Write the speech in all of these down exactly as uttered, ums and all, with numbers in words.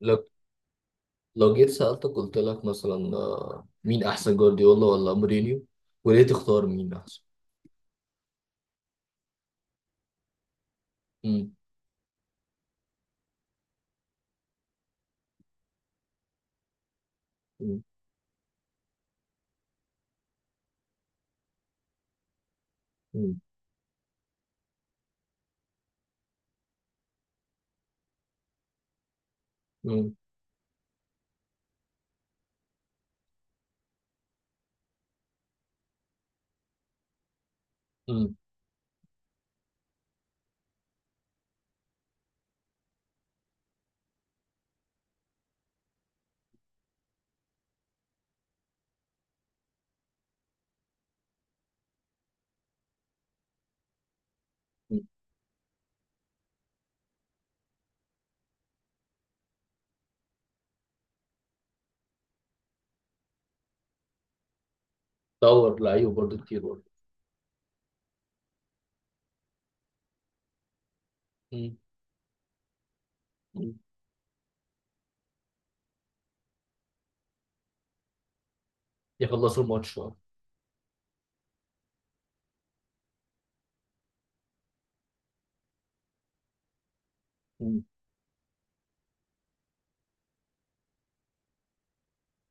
لو لو جيت سألتك قلت لك مثلا آه، مين أحسن جوارديولا ولا مورينيو وليه تختار مين أحسن؟ مم. مم. مم. مم. مم. مم. دور لعيبة برضه كتير برضه. مم. مم. يخلصوا الماتش آه. مم.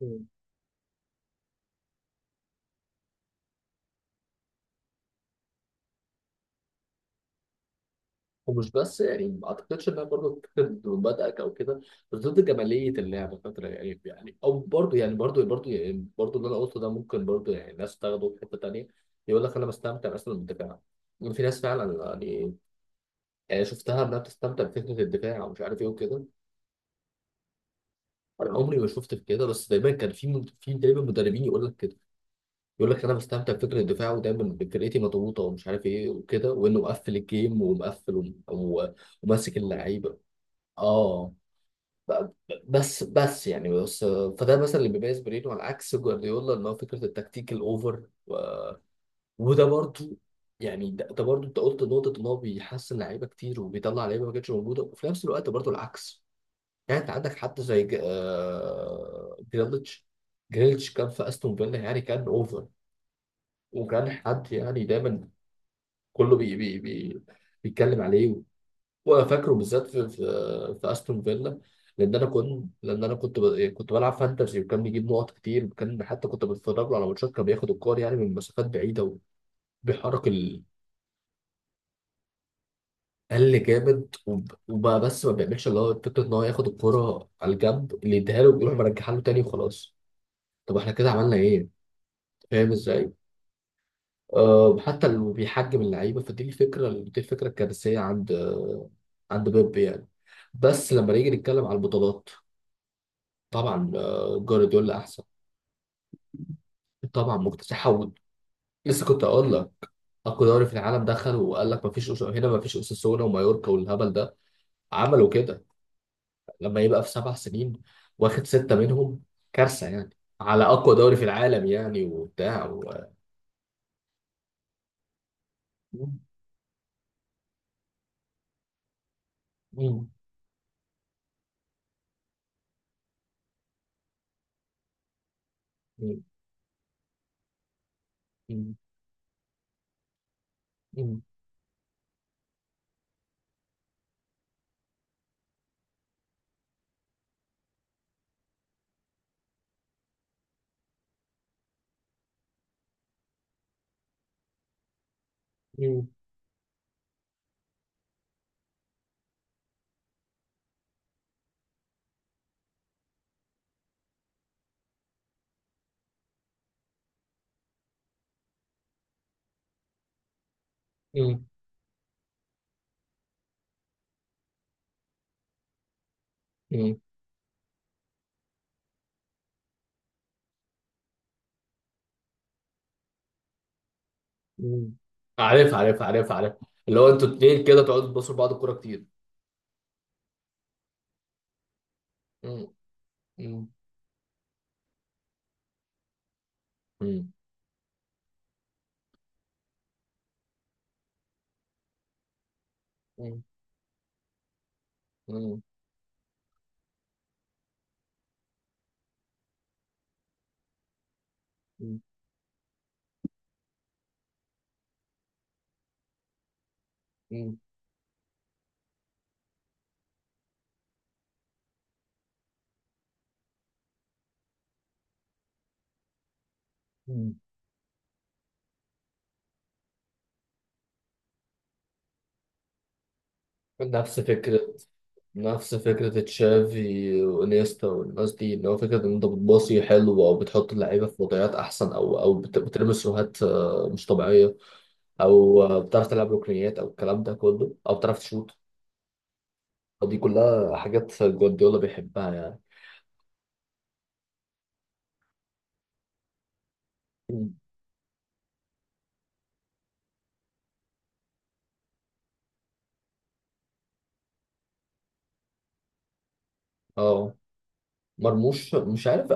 مم. ومش بس يعني ما أعتقدش إنها برضه ضد مبادئك أو كده، بس ضد جمالية اللعبة فترة يعني يعني أو برضه يعني برضه برضه يعني برضه اللي أنا قلته ده ممكن برضه يعني ناس تاخده في حتة تانية. يقول لك أنا بستمتع مثلا بالدفاع. يعني في ناس فعلا يعني. يعني شفتها انها بتستمتع بفكره الدفاع ومش عارف ايه وكده. انا عمري ما شفت في كده، بس دايما كان في من- في دايما مدربين يقول لك كده. يقول لك انا بستمتع بفكره الدفاع ودايما فرقتي مضغوطه ومش عارف ايه وكده، وانه مقفل الجيم ومقفل وم- و- وماسك اللعيبه. اه، ب- بس بس يعني بس. فده مثلا اللي بيميز برينو على عكس جوارديولا ان هو فكره التكتيك الاوفر و... وده برضو. يعني ده, ده برضو انت قلت نقطه ان هو بيحسن لعيبه كتير وبيطلع لعيبه ما كانتش موجوده، وفي نفس الوقت برضو العكس. يعني انت عندك حد زي ج- آه، جريليتش. جريليتش كان في استون فيلا يعني كان اوفر، وكان حد يعني دايما كله بي بي بي بيتكلم عليه. وفاكره بالذات في في, في استون فيلا. لان انا كنت لان انا كنت ب- كنت بلعب فانتزي، وكان بيجيب نقط كتير، وكان حتى كنت بتفرج له على ماتشات كان بياخد الكور يعني من مسافات بعيده وبيحرك القل. جامد وب- وبقى بس ما بيعملش اللي هو فكره ان هو ياخد الكوره على الجنب، اللي يديها له ويروح مرجعها له تاني وخلاص. طب احنا كده عملنا ايه؟ فاهم ازاي؟ أه، حتى لو بيحجم اللعيبه فدي الفكره دي الفكره الكارثيه عند آه، عند بيب يعني. بس لما نيجي نتكلم على البطولات طبعا آه، جوارديولا احسن. طبعا مكتسح حول. لسه كنت اقول لك اقوى دوري في العالم، دخل وقال لك مفيش أس... هنا مفيش اوساسونا ومايوركا والهبل ده، عملوا كده لما يبقى في سبع سنين واخد سته منهم كارثه يعني، على اقوى دوري في العالم يعني وبتاع و... مم. مم. مم. مم. مم. مم. مم. مم. عارف عارف عارف عارف. اللي هو انتوا اتنين كده تقعدوا تبصوا لبعض الكوره كتير. مم. مم. مم. مم. مم. مم. مم. مم. نفس فكرة نفس فكرة تشافي وانيستا والناس دي ان هو فكرة ان انت بتباصي حلو او بتحط اللعيبة في وضعيات احسن او او بت- بترمي سروهات آه، مش طبيعية. او آه، بتعرف تلعب ركنيات او الكلام ده كله او بتعرف تشوط. دي كلها حاجات جوارديولا بيحبها يعني. مم. اه. مرموش مش عارف،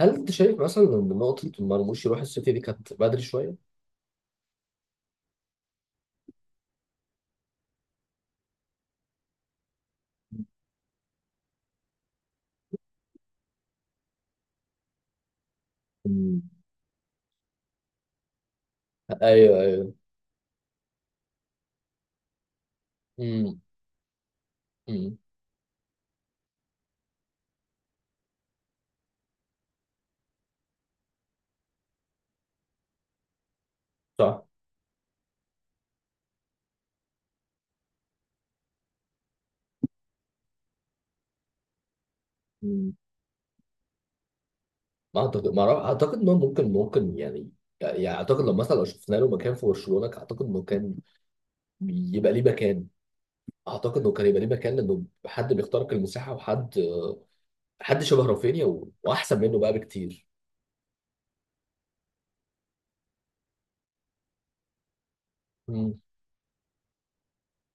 هل انت شايف مثلا ان نقطة مرموش يروح السيتي دي كانت بدري شوية؟ مم. ايوه ايوه. امم امم. صح. مم. ما اعتقد. ما أعرف- اعتقد انه ممكن ممكن يعني. يعني اعتقد لو مثلا لو شفنا له مكان في برشلونة، اعتقد انه كان يبقى ليه مكان، اعتقد انه كان يبقى ليه مكان لانه حد بيخترق المساحة وحد حد شبه رافينيا و- واحسن منه بقى بكتير. مم.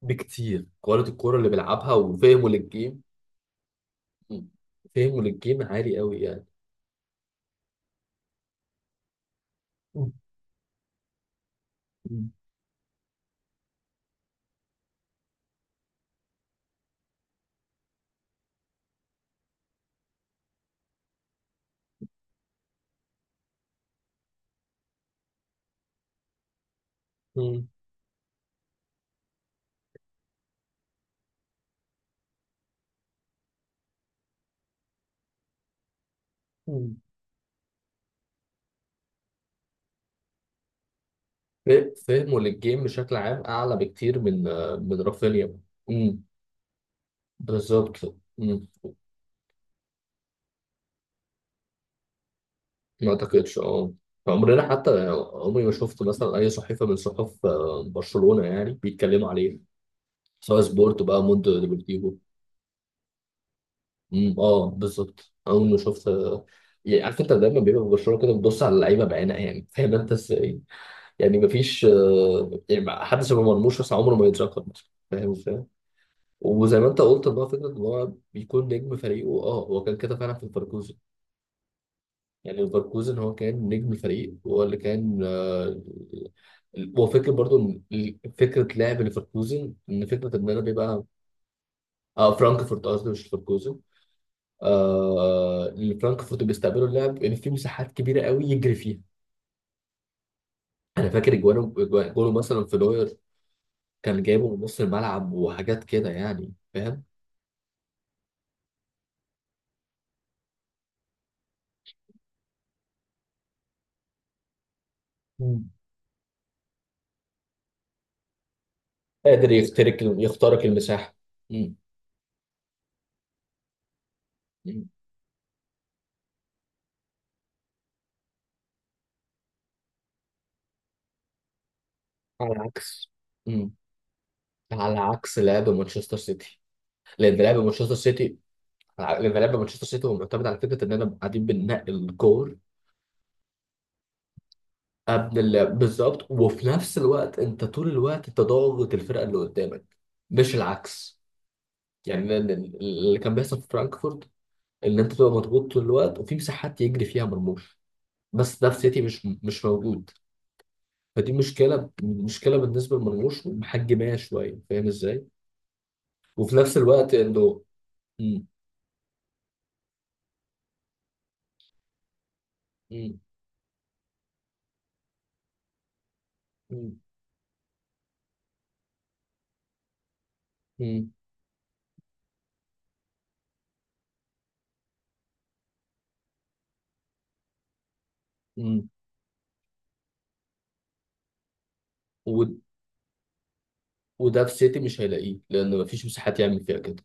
بكتير، كواليتي الكورة اللي بيلعبها وفهمه للجيم. مم. فهمه للجيم عالي قوي يعني. مم. مم. مم. ف- فهمه للجيم بشكل عام اعلى بكتير من من رافينيا. مم. بالظبط. مم. ما اعتقدش اه. عمرنا حتى عمري ما شفت مثلا اي صحيفه من صحف آه، برشلونه يعني بيتكلموا عليه، سواء سبورت بقى موندو ديبورتيفو. مم. اه بالظبط. اول ما شفت آه، يعني عارف انت دايما بيبقى في برشلونه كده بتبص على اللعيبه بعينها يعني فاهم انت ازاي. يعني مفيش آه، يعني حدث ما مرموش بس عمره ما يتذكر مثلا فاهم. وزي ما انت قلت ان هو فكره ان هو بيكون نجم فريقه، اه هو كان كده فعلا في ليفركوزن. يعني ليفركوزن هو كان نجم الفريق، هو اللي كان آه، هو فكره برضو ان فكره لعب ليفركوزن ان فكره ان انا بيبقى اه فرانكفورت قصدي مش ليفركوزن. آه، اللي فرانكفورت بيستقبلوا اللعب ان في مساحات كبيره قوي يجري فيها. انا فاكر جوانه جوانه مثلا في نوير كان جايبه من نص الملعب وحاجات كده يعني فاهم. مم. قادر يخترق يخترق المساحه. مم. على عكس. مم. على عكس لعب مانشستر سيتي. لان لعب مانشستر سيتي لان لعب مانشستر سيتي هو معتمد على فكره اننا قاعدين بننقي الكور قبل اللعب بالظبط، وفي نفس الوقت انت طول الوقت انت ضاغط الفرقه اللي قدامك، مش العكس. يعني لأن اللي كان بيحصل في فرانكفورت ان انت تبقى مضغوط طول الوقت وفي مساحات يجري فيها مرموش، بس ده في سيتي مش مش موجود. فدي مشكله مشكله بالنسبه لمرموش محجماها شويه فاهم ازاي. وفي نفس الوقت انه. مم. مم. مم. مم. و- وده في سيتي مش هيلاقيه لان مفيش مساحات يعمل فيها كده.